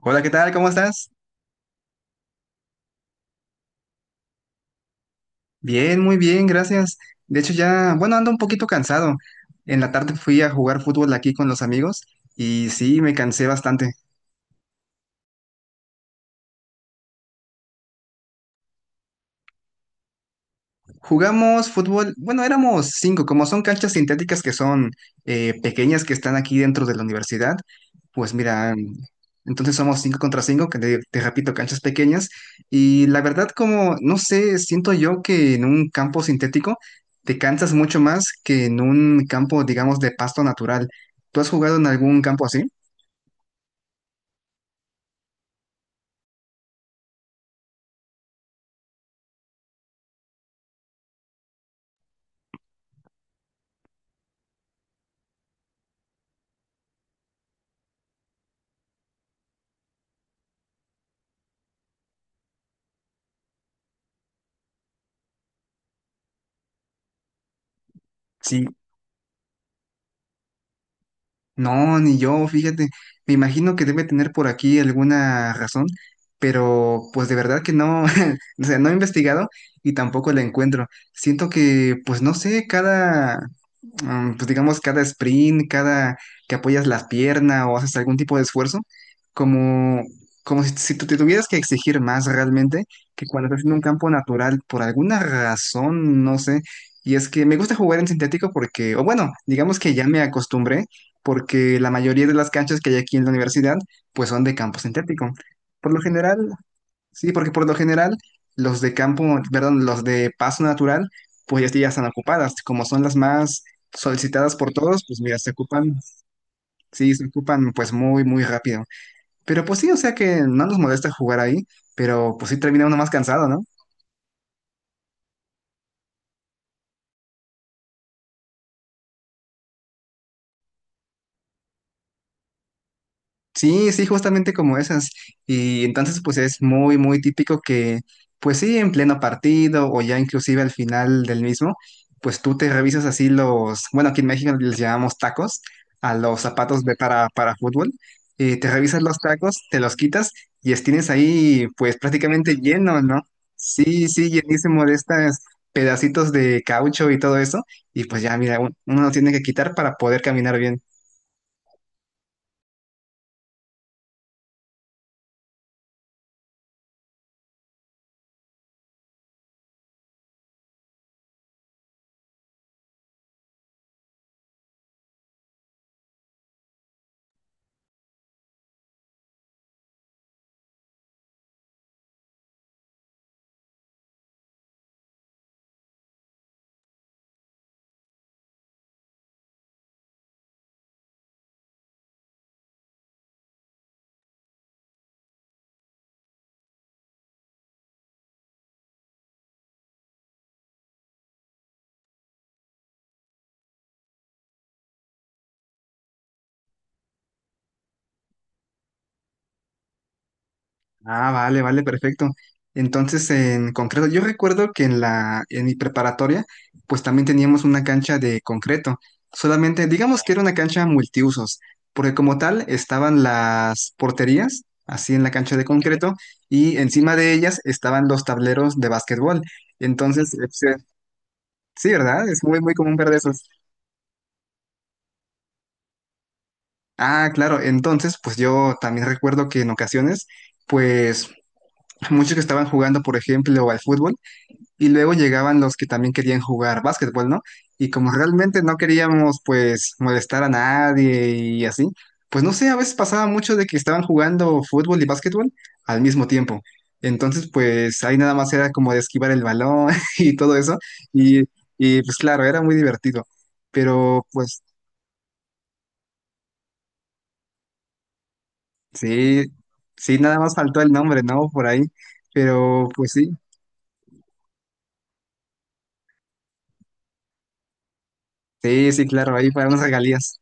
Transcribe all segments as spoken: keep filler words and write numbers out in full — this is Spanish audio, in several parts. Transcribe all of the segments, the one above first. Hola, ¿qué tal? ¿Cómo estás? Bien, muy bien, gracias. De hecho, ya, bueno, ando un poquito cansado. En la tarde fui a jugar fútbol aquí con los amigos y sí, me cansé bastante. Jugamos fútbol, bueno, éramos cinco, como son canchas sintéticas que son eh, pequeñas, que están aquí dentro de la universidad. Pues mira, em, entonces somos cinco contra cinco, que te, te repito, canchas pequeñas, y la verdad, como, no sé, siento yo que en un campo sintético te cansas mucho más que en un campo, digamos, de pasto natural. ¿Tú has jugado en algún campo así? Sí. No, ni yo, fíjate, me imagino que debe tener por aquí alguna razón, pero pues de verdad que no, o sea, no he investigado y tampoco la encuentro. Siento que, pues no sé, cada, mm, pues digamos, cada sprint, cada que apoyas las piernas o haces algún tipo de esfuerzo, como, como si, si tú te tuvieras que exigir más realmente que cuando estás en un campo natural, por alguna razón, no sé. Y es que me gusta jugar en sintético porque, o bueno, digamos que ya me acostumbré porque la mayoría de las canchas que hay aquí en la universidad pues son de campo sintético. Por lo general, sí, porque por lo general los de campo, perdón, los de paso natural, pues ya están ocupadas, como son las más solicitadas por todos, pues mira, se ocupan, sí, se ocupan pues muy, muy rápido. Pero pues sí, o sea, que no nos molesta jugar ahí, pero pues sí termina uno más cansado, ¿no? Sí, sí, justamente como esas. Y entonces, pues es muy, muy típico que, pues sí, en pleno partido o ya inclusive al final del mismo, pues tú te revisas así los, bueno, aquí en México les llamamos tacos a los zapatos de para, para fútbol. Y te revisas los tacos, te los quitas y es- tienes ahí pues prácticamente lleno, ¿no? Sí, sí, llenísimo de estas pedacitos de caucho y todo eso. Y pues ya, mira, un- uno lo tiene que quitar para poder caminar bien. Ah, vale, vale, perfecto. Entonces, en concreto, yo recuerdo que en la, en mi preparatoria, pues también teníamos una cancha de concreto. Solamente, digamos que era una cancha multiusos, porque como tal estaban las porterías así en la cancha de concreto, y encima de ellas estaban los tableros de básquetbol. Entonces, este, sí, ¿verdad? Es muy, muy común ver de esos. Ah, claro. Entonces, pues yo también recuerdo que en ocasiones, pues muchos que estaban jugando, por ejemplo, al fútbol, y luego llegaban los que también querían jugar básquetbol, ¿no? Y como realmente no queríamos, pues, molestar a nadie y así, pues no sé, a veces pasaba mucho de que estaban jugando fútbol y básquetbol al mismo tiempo. Entonces pues ahí nada más era como de esquivar el balón y todo eso. Y, y pues claro, era muy divertido. Pero pues sí, sí, nada más faltó el nombre, ¿no? Por ahí. Pero pues sí, sí, sí, claro, ahí para unas regalías.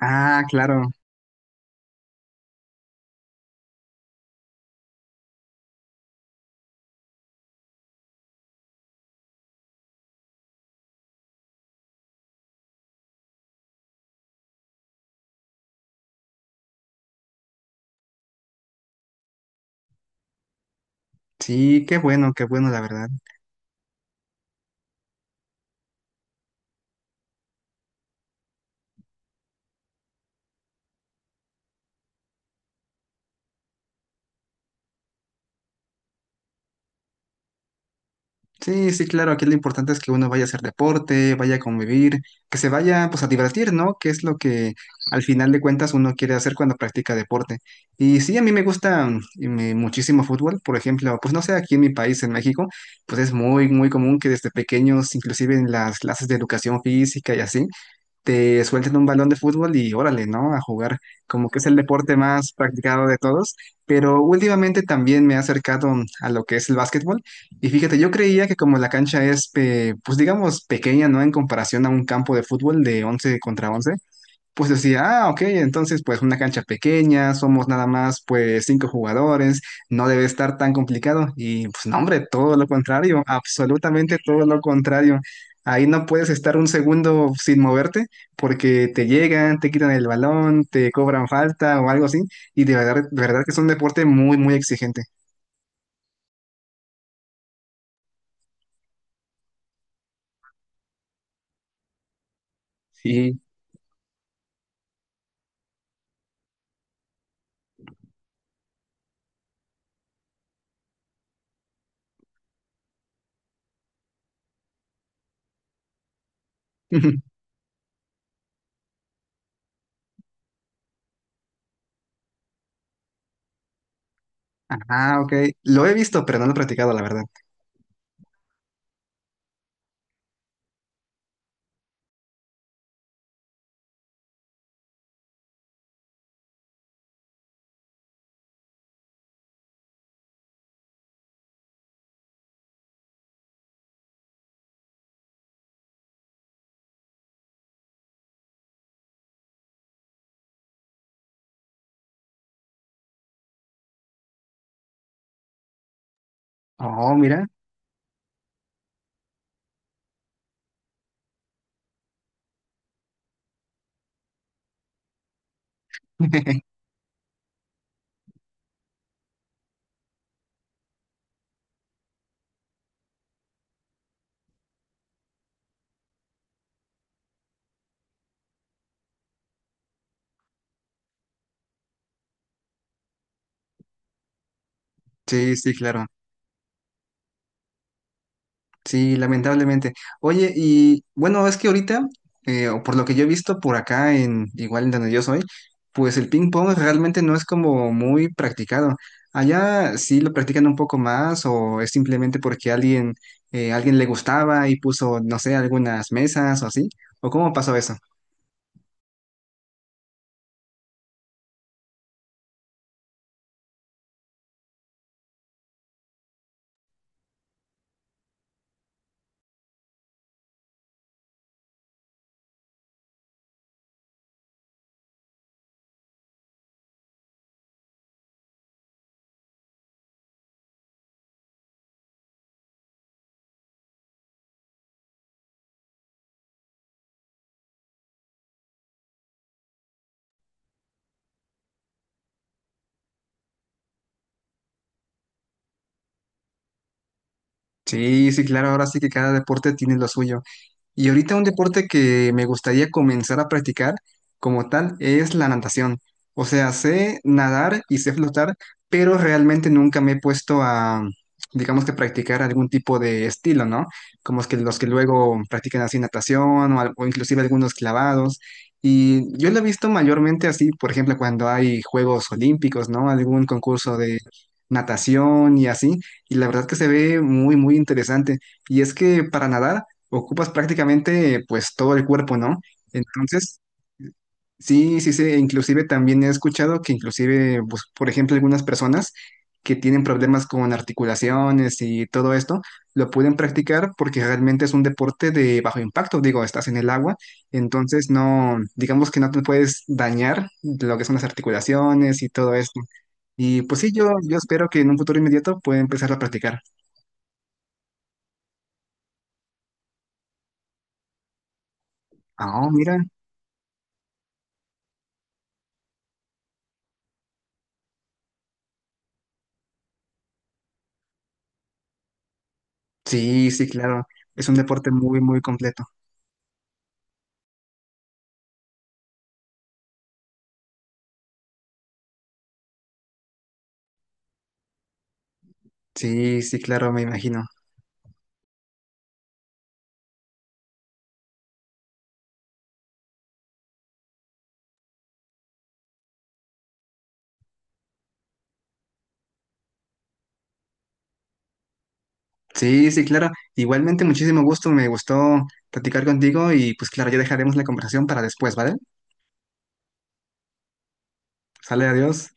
Ah, claro. Sí, qué bueno, qué bueno, la verdad. Sí, sí, claro, aquí lo importante es que uno vaya a hacer deporte, vaya a convivir, que se vaya pues a divertir, ¿no? Que es lo que al final de cuentas uno quiere hacer cuando practica deporte. Y sí, a mí me gusta mm, y me- muchísimo fútbol, por ejemplo, pues no sé, aquí en mi país, en México, pues es muy, muy común que desde pequeños, inclusive en las clases de educación física y así, te suelten un balón de fútbol y órale, ¿no? A jugar, como que es el deporte más practicado de todos. Pero últimamente también me he acercado a lo que es el básquetbol y fíjate, yo creía que como la cancha es, pe- pues digamos, pequeña, ¿no?, en comparación a un campo de fútbol de once contra once, pues decía, ah, ok, entonces pues una cancha pequeña, somos nada más pues cinco jugadores, no debe estar tan complicado. Y pues no, hombre, todo lo contrario, absolutamente todo lo contrario. Ahí no puedes estar un segundo sin moverte porque te llegan, te quitan el balón, te cobran falta o algo así. Y de verdad, de verdad, que es un deporte muy, muy exigente. Sí. Ah, ok. Lo he visto, pero no lo he practicado, la verdad. Oh, mira. Sí, sí, claro. Sí, lamentablemente. Oye, y bueno, es que ahorita, eh, o por lo que yo he visto por acá en, igual en donde yo soy, pues el ping pong realmente no es como muy practicado. Allá sí lo practican un poco más, o es simplemente porque alguien, eh, alguien le gustaba y puso, no sé, algunas mesas o así. ¿O cómo pasó eso? Sí, sí, claro, ahora sí que cada deporte tiene lo suyo. Y ahorita un deporte que me gustaría comenzar a practicar como tal es la natación. O sea, sé nadar y sé flotar, pero realmente nunca me he puesto a, digamos, que practicar algún tipo de estilo, ¿no? Como es que los que luego practican así natación o, al- o inclusive algunos clavados. Y yo lo he visto mayormente así, por ejemplo, cuando hay Juegos Olímpicos, ¿no? Algún concurso de natación y así. Y la verdad que se ve muy, muy interesante. Y es que para nadar ocupas prácticamente pues todo el cuerpo, ¿no? Entonces, sí, sí, sí, inclusive también he escuchado que inclusive, pues, por ejemplo, algunas personas que tienen problemas con articulaciones y todo esto, lo pueden practicar porque realmente es un deporte de bajo impacto, digo, estás en el agua, entonces no, digamos, que no te puedes dañar lo que son las articulaciones y todo esto. Y pues sí, yo, yo espero que en un futuro inmediato pueda empezar a practicar. Ah, mira, sí, sí, claro, es un deporte muy, muy completo. Sí, sí, claro, me imagino. Sí, sí, claro. Igualmente, muchísimo gusto, me gustó platicar contigo y pues claro, ya dejaremos la conversación para después, ¿vale? Sale, adiós.